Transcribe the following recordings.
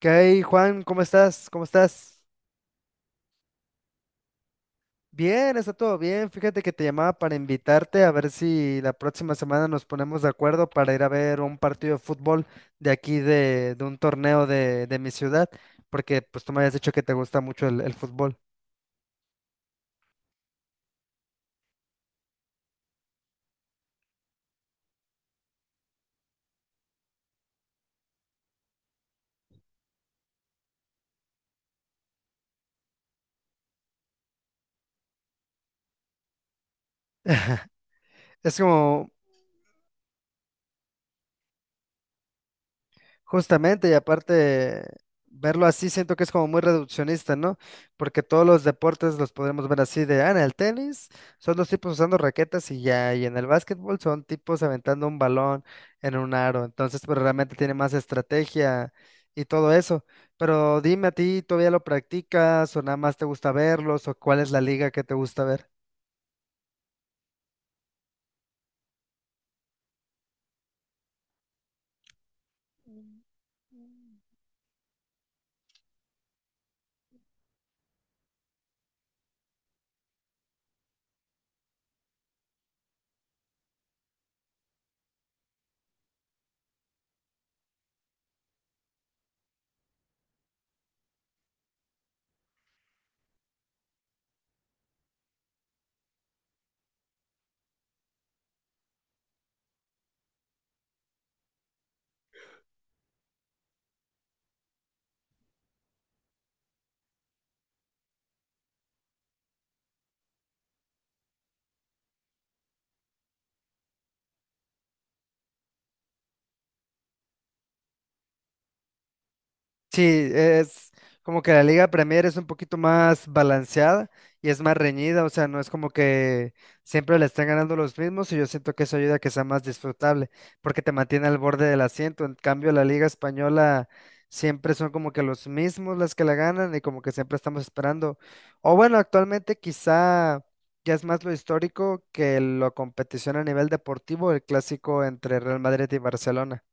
¿Qué hay, Juan? ¿Cómo estás? Bien, está todo bien. Fíjate que te llamaba para invitarte a ver si la próxima semana nos ponemos de acuerdo para ir a ver un partido de fútbol de aquí de un torneo de mi ciudad, porque pues tú me habías dicho que te gusta mucho el fútbol. Es como, Justamente, y aparte, verlo así siento que es como muy reduccionista, ¿no? Porque todos los deportes los podremos ver así de, ah, en el tenis son los tipos usando raquetas y ya, y en el básquetbol son tipos aventando un balón en un aro, entonces, pero realmente tiene más estrategia y todo eso. Pero dime a ti, ¿todavía lo practicas o nada más te gusta verlos, o cuál es la liga que te gusta ver? Sí, es como que la Liga Premier es un poquito más balanceada y es más reñida, o sea, no es como que siempre le estén ganando los mismos, y yo siento que eso ayuda a que sea más disfrutable porque te mantiene al borde del asiento. En cambio, la Liga Española siempre son como que los mismos las que la ganan y como que siempre estamos esperando. O bueno, actualmente quizá ya es más lo histórico que la competición a nivel deportivo, el clásico entre Real Madrid y Barcelona.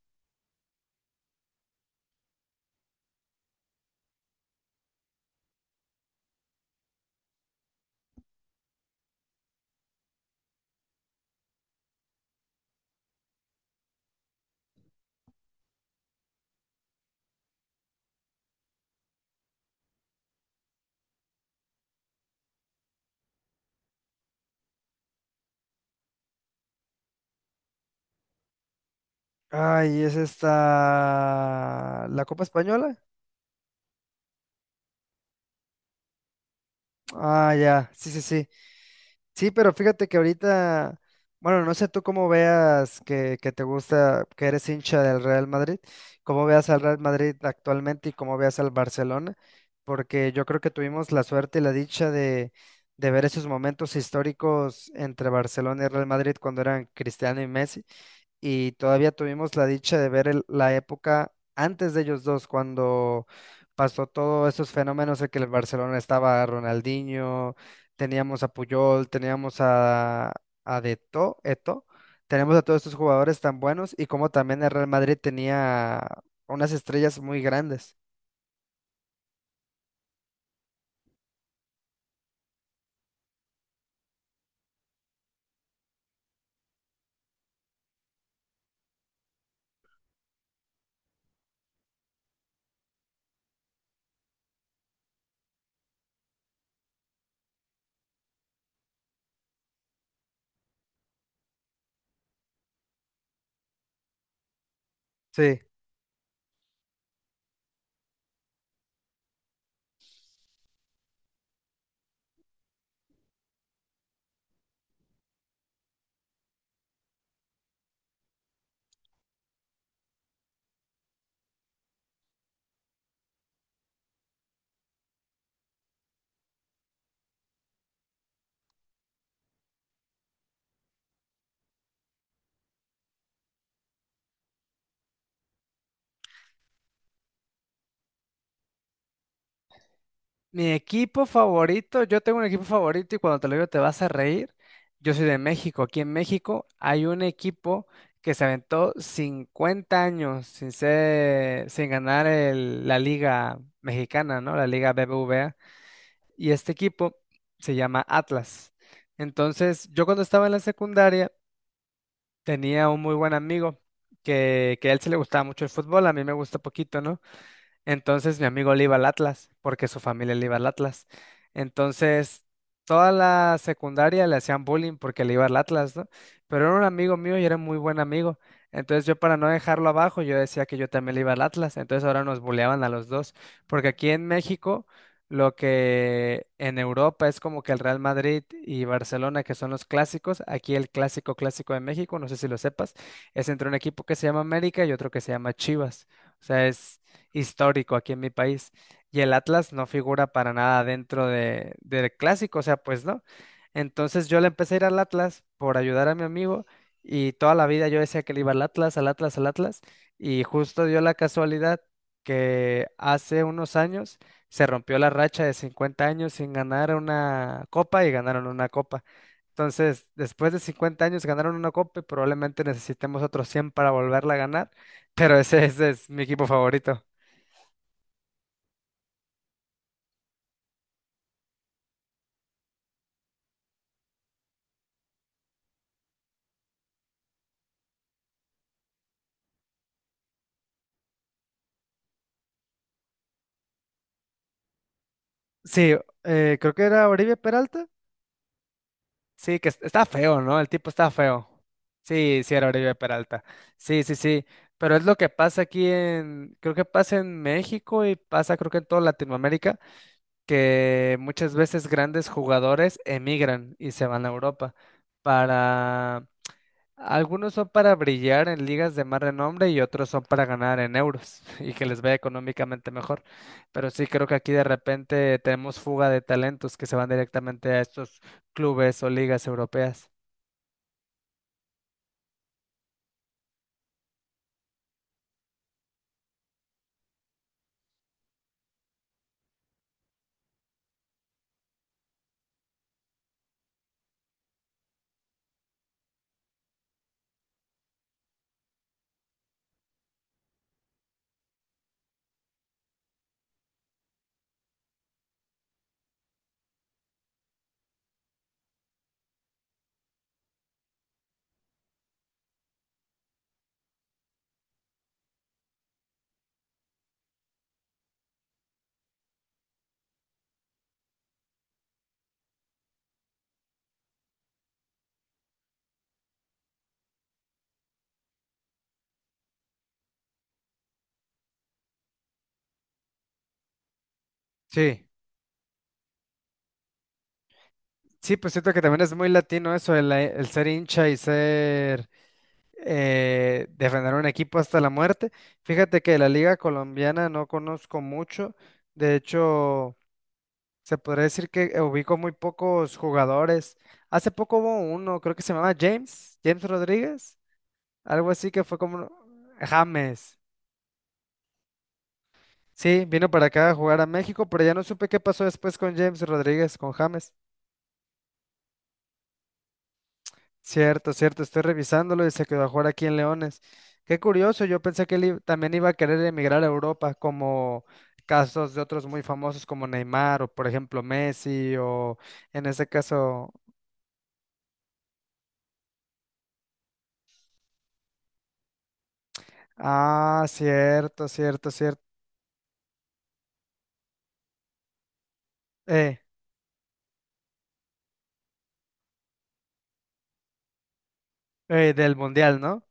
Ay, es esta... ¿La Copa Española? Ah, ya, sí, sí, sí. Sí, pero fíjate que ahorita, bueno, no sé tú cómo veas que te gusta, que eres hincha del Real Madrid, cómo veas al Real Madrid actualmente y cómo veas al Barcelona, porque yo creo que tuvimos la suerte y la dicha de ver esos momentos históricos entre Barcelona y Real Madrid cuando eran Cristiano y Messi, y todavía tuvimos la dicha de ver la época antes de ellos dos, cuando pasó todos esos fenómenos en que el Barcelona estaba Ronaldinho, teníamos a Puyol, teníamos a Eto'o, tenemos a todos estos jugadores tan buenos y como también el Real Madrid tenía unas estrellas muy grandes. Sí. Mi equipo favorito, yo tengo un equipo favorito y cuando te lo digo te vas a reír. Yo soy de México. Aquí en México hay un equipo que se aventó 50 años sin ser, sin ganar la Liga Mexicana, ¿no? La Liga BBVA. Y este equipo se llama Atlas. Entonces, yo cuando estaba en la secundaria tenía un muy buen amigo que a él se le gustaba mucho el fútbol, a mí me gusta poquito, ¿no? Entonces mi amigo le iba al Atlas, porque su familia le iba al Atlas. Entonces, toda la secundaria le hacían bullying porque le iba al Atlas, ¿no? Pero era un amigo mío y era muy buen amigo. Entonces yo, para no dejarlo abajo, yo decía que yo también le iba al Atlas. Entonces ahora nos bulleaban a los dos, porque aquí en México, lo que en Europa es como que el Real Madrid y Barcelona, que son los clásicos, aquí el clásico clásico de México, no sé si lo sepas, es entre un equipo que se llama América y otro que se llama Chivas. O sea, es histórico aquí en mi país. Y el Atlas no figura para nada dentro de, del clásico, o sea, pues no. Entonces yo le empecé a ir al Atlas por ayudar a mi amigo, y toda la vida yo decía que le iba al Atlas, al Atlas, al Atlas. Y justo dio la casualidad que hace unos años se rompió la racha de 50 años sin ganar una copa y ganaron una copa. Entonces, después de 50 años ganaron una copa y probablemente necesitemos otros 100 para volverla a ganar, pero ese es mi equipo favorito. Sí, creo que era Oribe Peralta. Sí, está feo, ¿no? El tipo está feo. Sí, sí, era Oribe Peralta. Sí, sí, sí. Pero es lo que pasa aquí en, creo que pasa en México y pasa creo que en toda Latinoamérica, que muchas veces grandes jugadores emigran y se van a Europa para, algunos son para brillar en ligas de más renombre y otros son para ganar en euros y que les vaya económicamente mejor. Pero sí creo que aquí de repente tenemos fuga de talentos que se van directamente a estos clubes o ligas europeas. Sí, sí, pues siento que también es muy latino eso, el ser hincha y ser defender un equipo hasta la muerte. Fíjate que la liga colombiana no conozco mucho. De hecho... se podría decir que ubico muy pocos jugadores. Hace poco hubo uno, creo que se llamaba James, James Rodríguez, algo así que fue como James. Sí, vino para acá a jugar a México, pero ya no supe qué pasó después con James Rodríguez, con James. Cierto, cierto, estoy revisándolo y se quedó a jugar aquí en Leones. Qué curioso, yo pensé que también iba a querer emigrar a Europa, como casos de otros muy famosos como Neymar, o por ejemplo Messi, o en ese caso... Ah, cierto, cierto, cierto. eh, del Mundial, ¿no?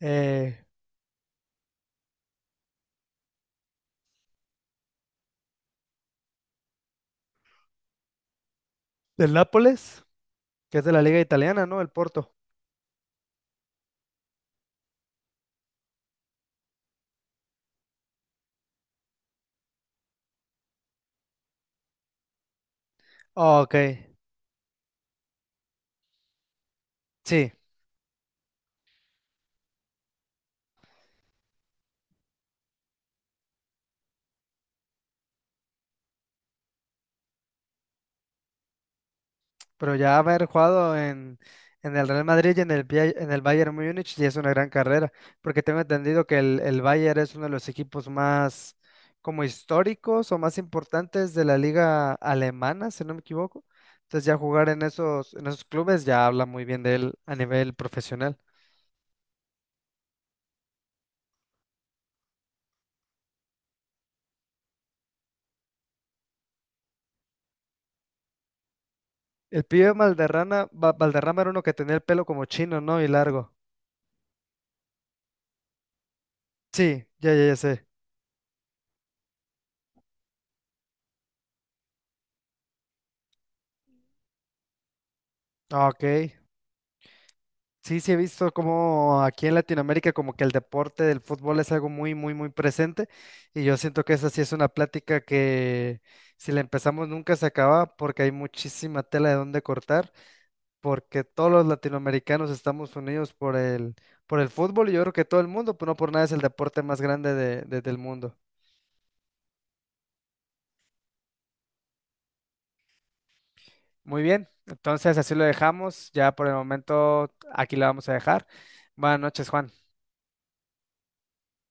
Eh, del Nápoles, que es de la Liga Italiana, ¿no? El Porto. Oh, ok, sí, pero ya haber jugado en el Real Madrid y en el, en el Bayern Múnich ya es una gran carrera, porque tengo entendido que el Bayern es uno de los equipos más como históricos o más importantes de la liga alemana, si no me equivoco. Entonces ya jugar en esos clubes ya habla muy bien de él a nivel profesional. El pibe Valderrama, Valderrama era uno que tenía el pelo como chino, ¿no? Y largo. Sí, ya, ya, ya sé. Ah, ok. Sí, sí he visto como aquí en Latinoamérica como que el deporte del fútbol es algo muy, muy, muy presente, y yo siento que esa sí es una plática que si la empezamos nunca se acaba porque hay muchísima tela de dónde cortar, porque todos los latinoamericanos estamos unidos por el fútbol, y yo creo que todo el mundo, pero no por nada es el deporte más grande del mundo. Muy bien, entonces así lo dejamos. Ya por el momento aquí la vamos a dejar. Buenas noches, Juan.